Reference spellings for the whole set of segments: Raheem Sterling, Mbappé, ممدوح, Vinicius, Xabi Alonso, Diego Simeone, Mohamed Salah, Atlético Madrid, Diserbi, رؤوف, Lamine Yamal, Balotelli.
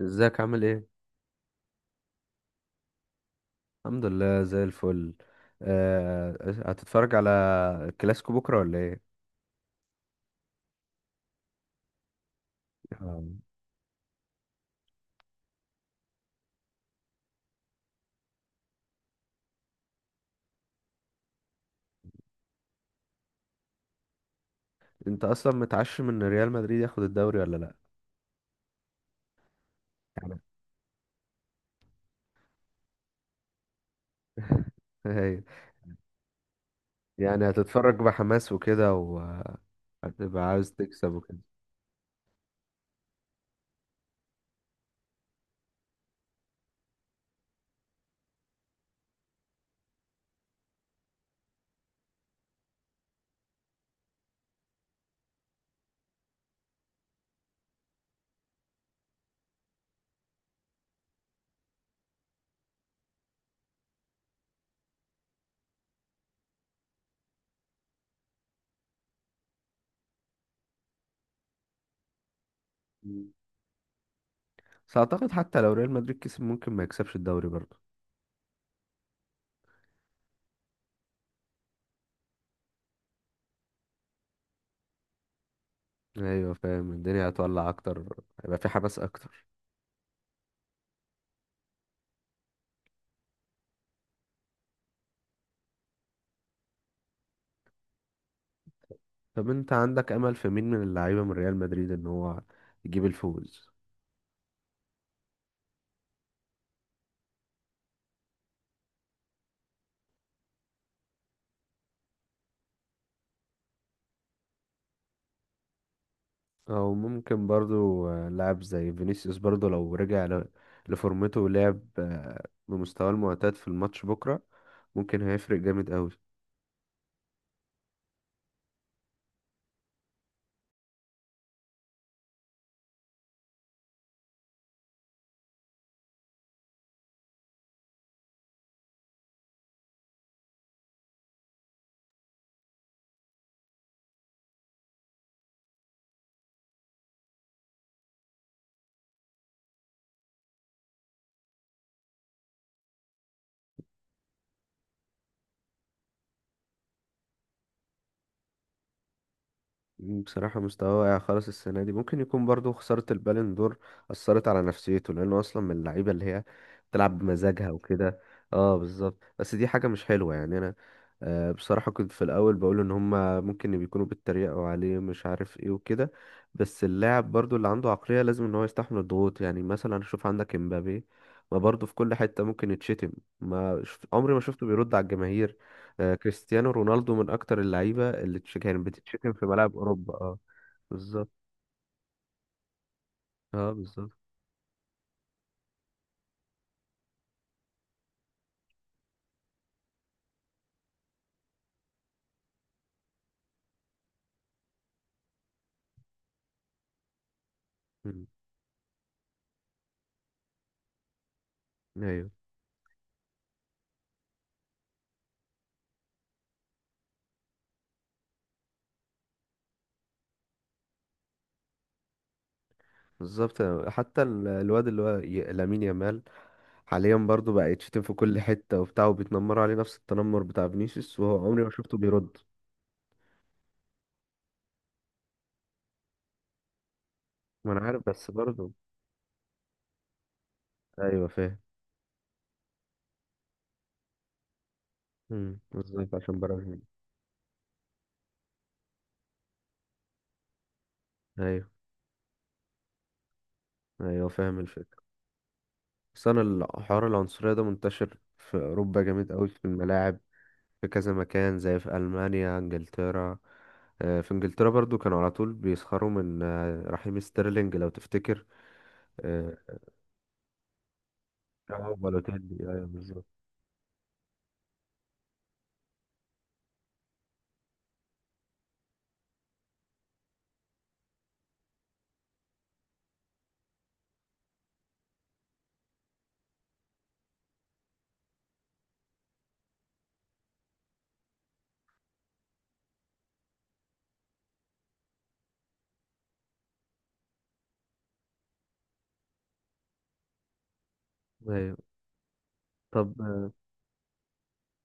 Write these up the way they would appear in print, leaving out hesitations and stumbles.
ازيك عامل ايه؟ الحمد لله زي الفل. آه، هتتفرج على الكلاسيكو بكره ولا ايه؟ آه، انت اصلا متعشم ان ريال مدريد ياخد الدوري ولا لا؟ يعني هي. يعني هتتفرج بحماس وكده وهتبقى عاوز تكسب وكده. مم. بس اعتقد حتى لو ريال مدريد كسب ممكن ما يكسبش الدوري برضه. ايوه فاهم، الدنيا هتولع اكتر، هيبقى في حماس اكتر. طب انت عندك امل في مين من اللعيبه من ريال مدريد ان هو يجيب الفوز؟ او ممكن برضو لاعب زي فينيسيوس برضو لو رجع لفورمته ولعب بمستواه المعتاد في الماتش بكرة ممكن هيفرق جامد قوي. بصراحة مستواه واقع خالص السنة دي، ممكن يكون برضو خسارة البالون دور أثرت على نفسيته، لأنه أصلا من اللعيبة اللي هي بتلعب بمزاجها وكده. اه بالظبط، بس دي حاجة مش حلوة يعني أنا بصراحة كنت في الأول بقول إن هما ممكن بيكونوا بيتريقوا عليه مش عارف ايه وكده. بس اللاعب برضو اللي عنده عقلية لازم إن هو يستحمل الضغوط، يعني مثلا شوف عندك امبابي، ما برضو في كل حتة ممكن يتشتم، ما شف- عمري ما شفته بيرد على الجماهير. كريستيانو رونالدو من اكتر اللعيبه اللي كانت بتتشتم في ملاعب اوروبا. اه بالظبط. اه بالظبط. مم. ايوه بالظبط. حتى الواد اللي هو لامين يامال حاليا برضو بقى يتشتم في كل حته وبتاع وبيتنمروا عليه نفس التنمر بتاع فينيسيوس، وهو عمري ما شفته بيرد. ما انا عارف بس برضو. ايوه فاهم. مم. بالظبط عشان برازيل. ايوه. ايوه فاهم الفكره. بس انا الحوار العنصريه ده منتشر في اوروبا جامد قوي في الملاعب، في كذا مكان زي في ألمانيا، انجلترا. في انجلترا برضو كانوا على طول بيسخروا من رحيم ستيرلينج لو تفتكر. اه. بالوتيلي ايوه بالظبط. ايوه. طب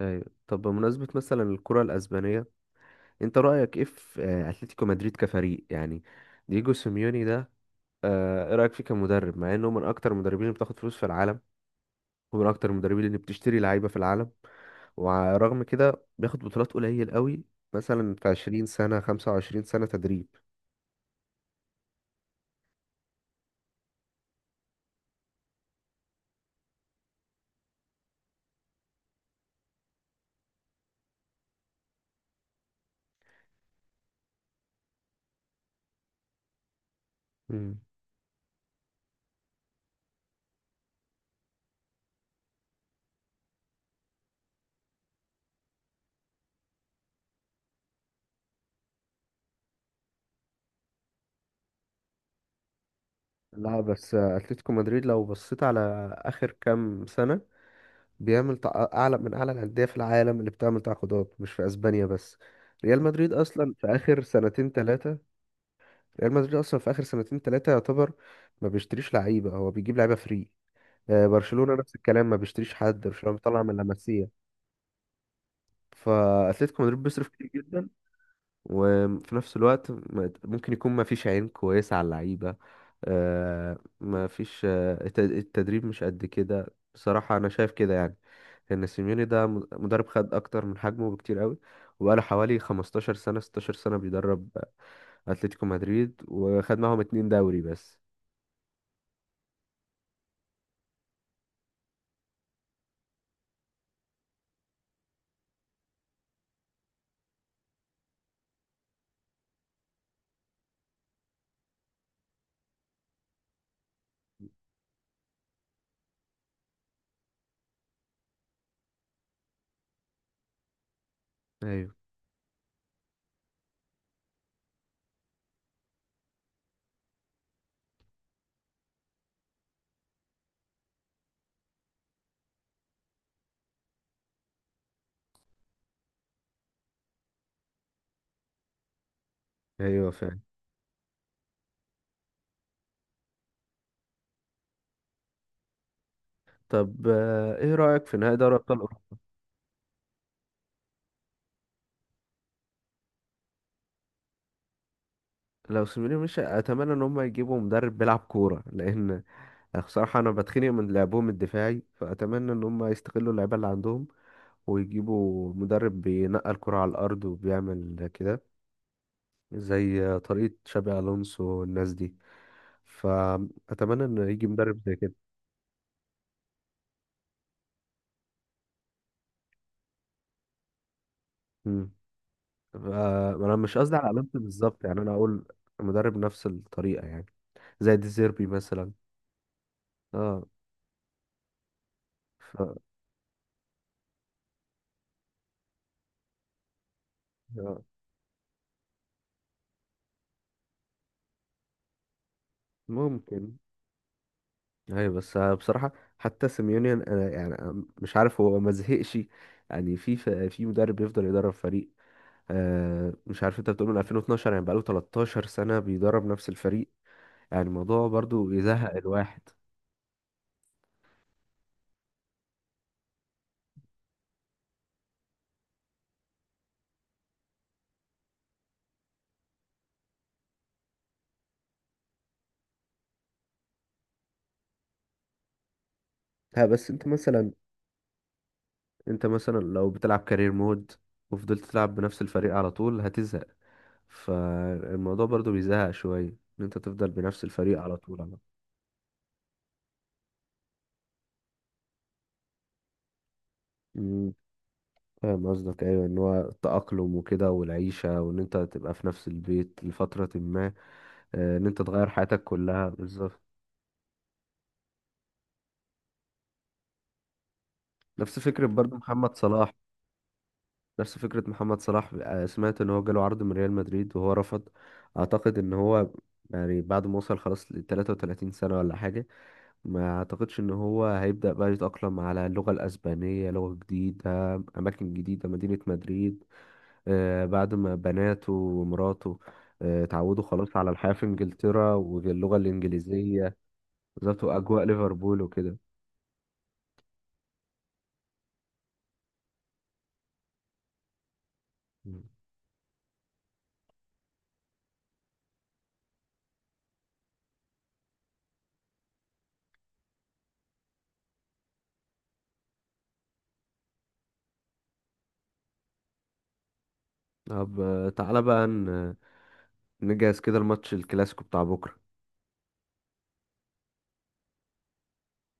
ايوه، طب بمناسبة مثلا الكرة الأسبانية، انت رأيك ايه في اتلتيكو مدريد كفريق يعني؟ دييجو سيميوني ده، ايه رأيك فيه كمدرب مع انه من اكتر المدربين اللي بتاخد فلوس في العالم، ومن اكتر المدربين اللي بتشتري لعيبه في العالم، ورغم كده بياخد بطولات قليل قوي؟ مثلا في 20 سنه 25 سنه تدريب. مم. لا بس اتلتيكو مدريد لو بصيت على اخر كام سنه بيعمل اعلى من اعلى الانديه في العالم اللي بتعمل تعاقدات مش في اسبانيا بس. ريال مدريد اصلا في اخر سنتين ثلاثه ريال مدريد اصلا في اخر سنتين ثلاثه يعتبر ما بيشتريش لعيبه، هو بيجيب لعيبه فري. برشلونه نفس الكلام، ما بيشتريش حد، برشلونه بيطلع من لاماسيا. فاتلتيكو مدريد بيصرف كتير جدا، وفي نفس الوقت ممكن يكون ما فيش عين كويسة على اللعيبة، ما فيش التدريب مش قد كده، بصراحة انا شايف كده يعني ان سيميوني ده مدرب خد اكتر من حجمه بكتير قوي، وبقاله حوالي 15 سنة 16 سنة بيدرب اتلتيكو مدريد وخد معاهم اتنين دوري بس. ايوه. ايوه فعلا. طب ايه رأيك في نهائي دوري ابطال اوروبا؟ لو سيميوني مش اتمنى ان هم يجيبوا مدرب بيلعب كورة، لان يعني بصراحة أنا بتخنق من لعبهم الدفاعي، فأتمنى إن هم يستغلوا اللعيبة اللي عندهم ويجيبوا مدرب بينقل الكرة على الأرض وبيعمل كده، زي طريقة شابي ألونسو والناس دي. فأتمنى إن يجي مدرب زي كده. مم. ف- أنا مش قصدي على ألونسو بالظبط، يعني أنا أقول مدرب نفس الطريقة يعني، زي ديزيربي مثلا. اه. ف... آه. ممكن. ايوه بس بصراحة حتى سيميوني انا يعني أنا مش عارف هو ما زهقش يعني، في مدرب بيفضل يدرب فريق مش عارف، انت بتقول من 2012، يعني بقاله 13 سنة بيدرب نفس الفريق، يعني الموضوع برضو يزهق الواحد. ها بس انت مثلا، لو بتلعب كارير مود وفضلت تلعب بنفس الفريق على طول هتزهق. فالموضوع برضو بيزهق شوية ان انت تفضل بنفس الفريق على طول على طول. فاهم قصدك، ايوه ان هو التأقلم وكده والعيشة، وان انت تبقى في نفس البيت لفترة ما، ان انت تغير حياتك كلها بالظبط. نفس فكرة برضه محمد صلاح. سمعت ان هو جاله عرض من ريال مدريد وهو رفض. اعتقد ان هو يعني بعد ما وصل خلاص ل 33 سنة ولا حاجة، ما اعتقدش ان هو هيبدأ بقى يتأقلم على اللغة الأسبانية، لغة جديدة، أماكن جديدة، مدينة مدريد، بعد ما بناته ومراته اتعودوا خلاص على الحياة في إنجلترا واللغة الإنجليزية. بالظبط. وأجواء ليفربول وكده. مم. طب تعالى بقى نجهز كده الماتش الكلاسيكو بتاع بكرة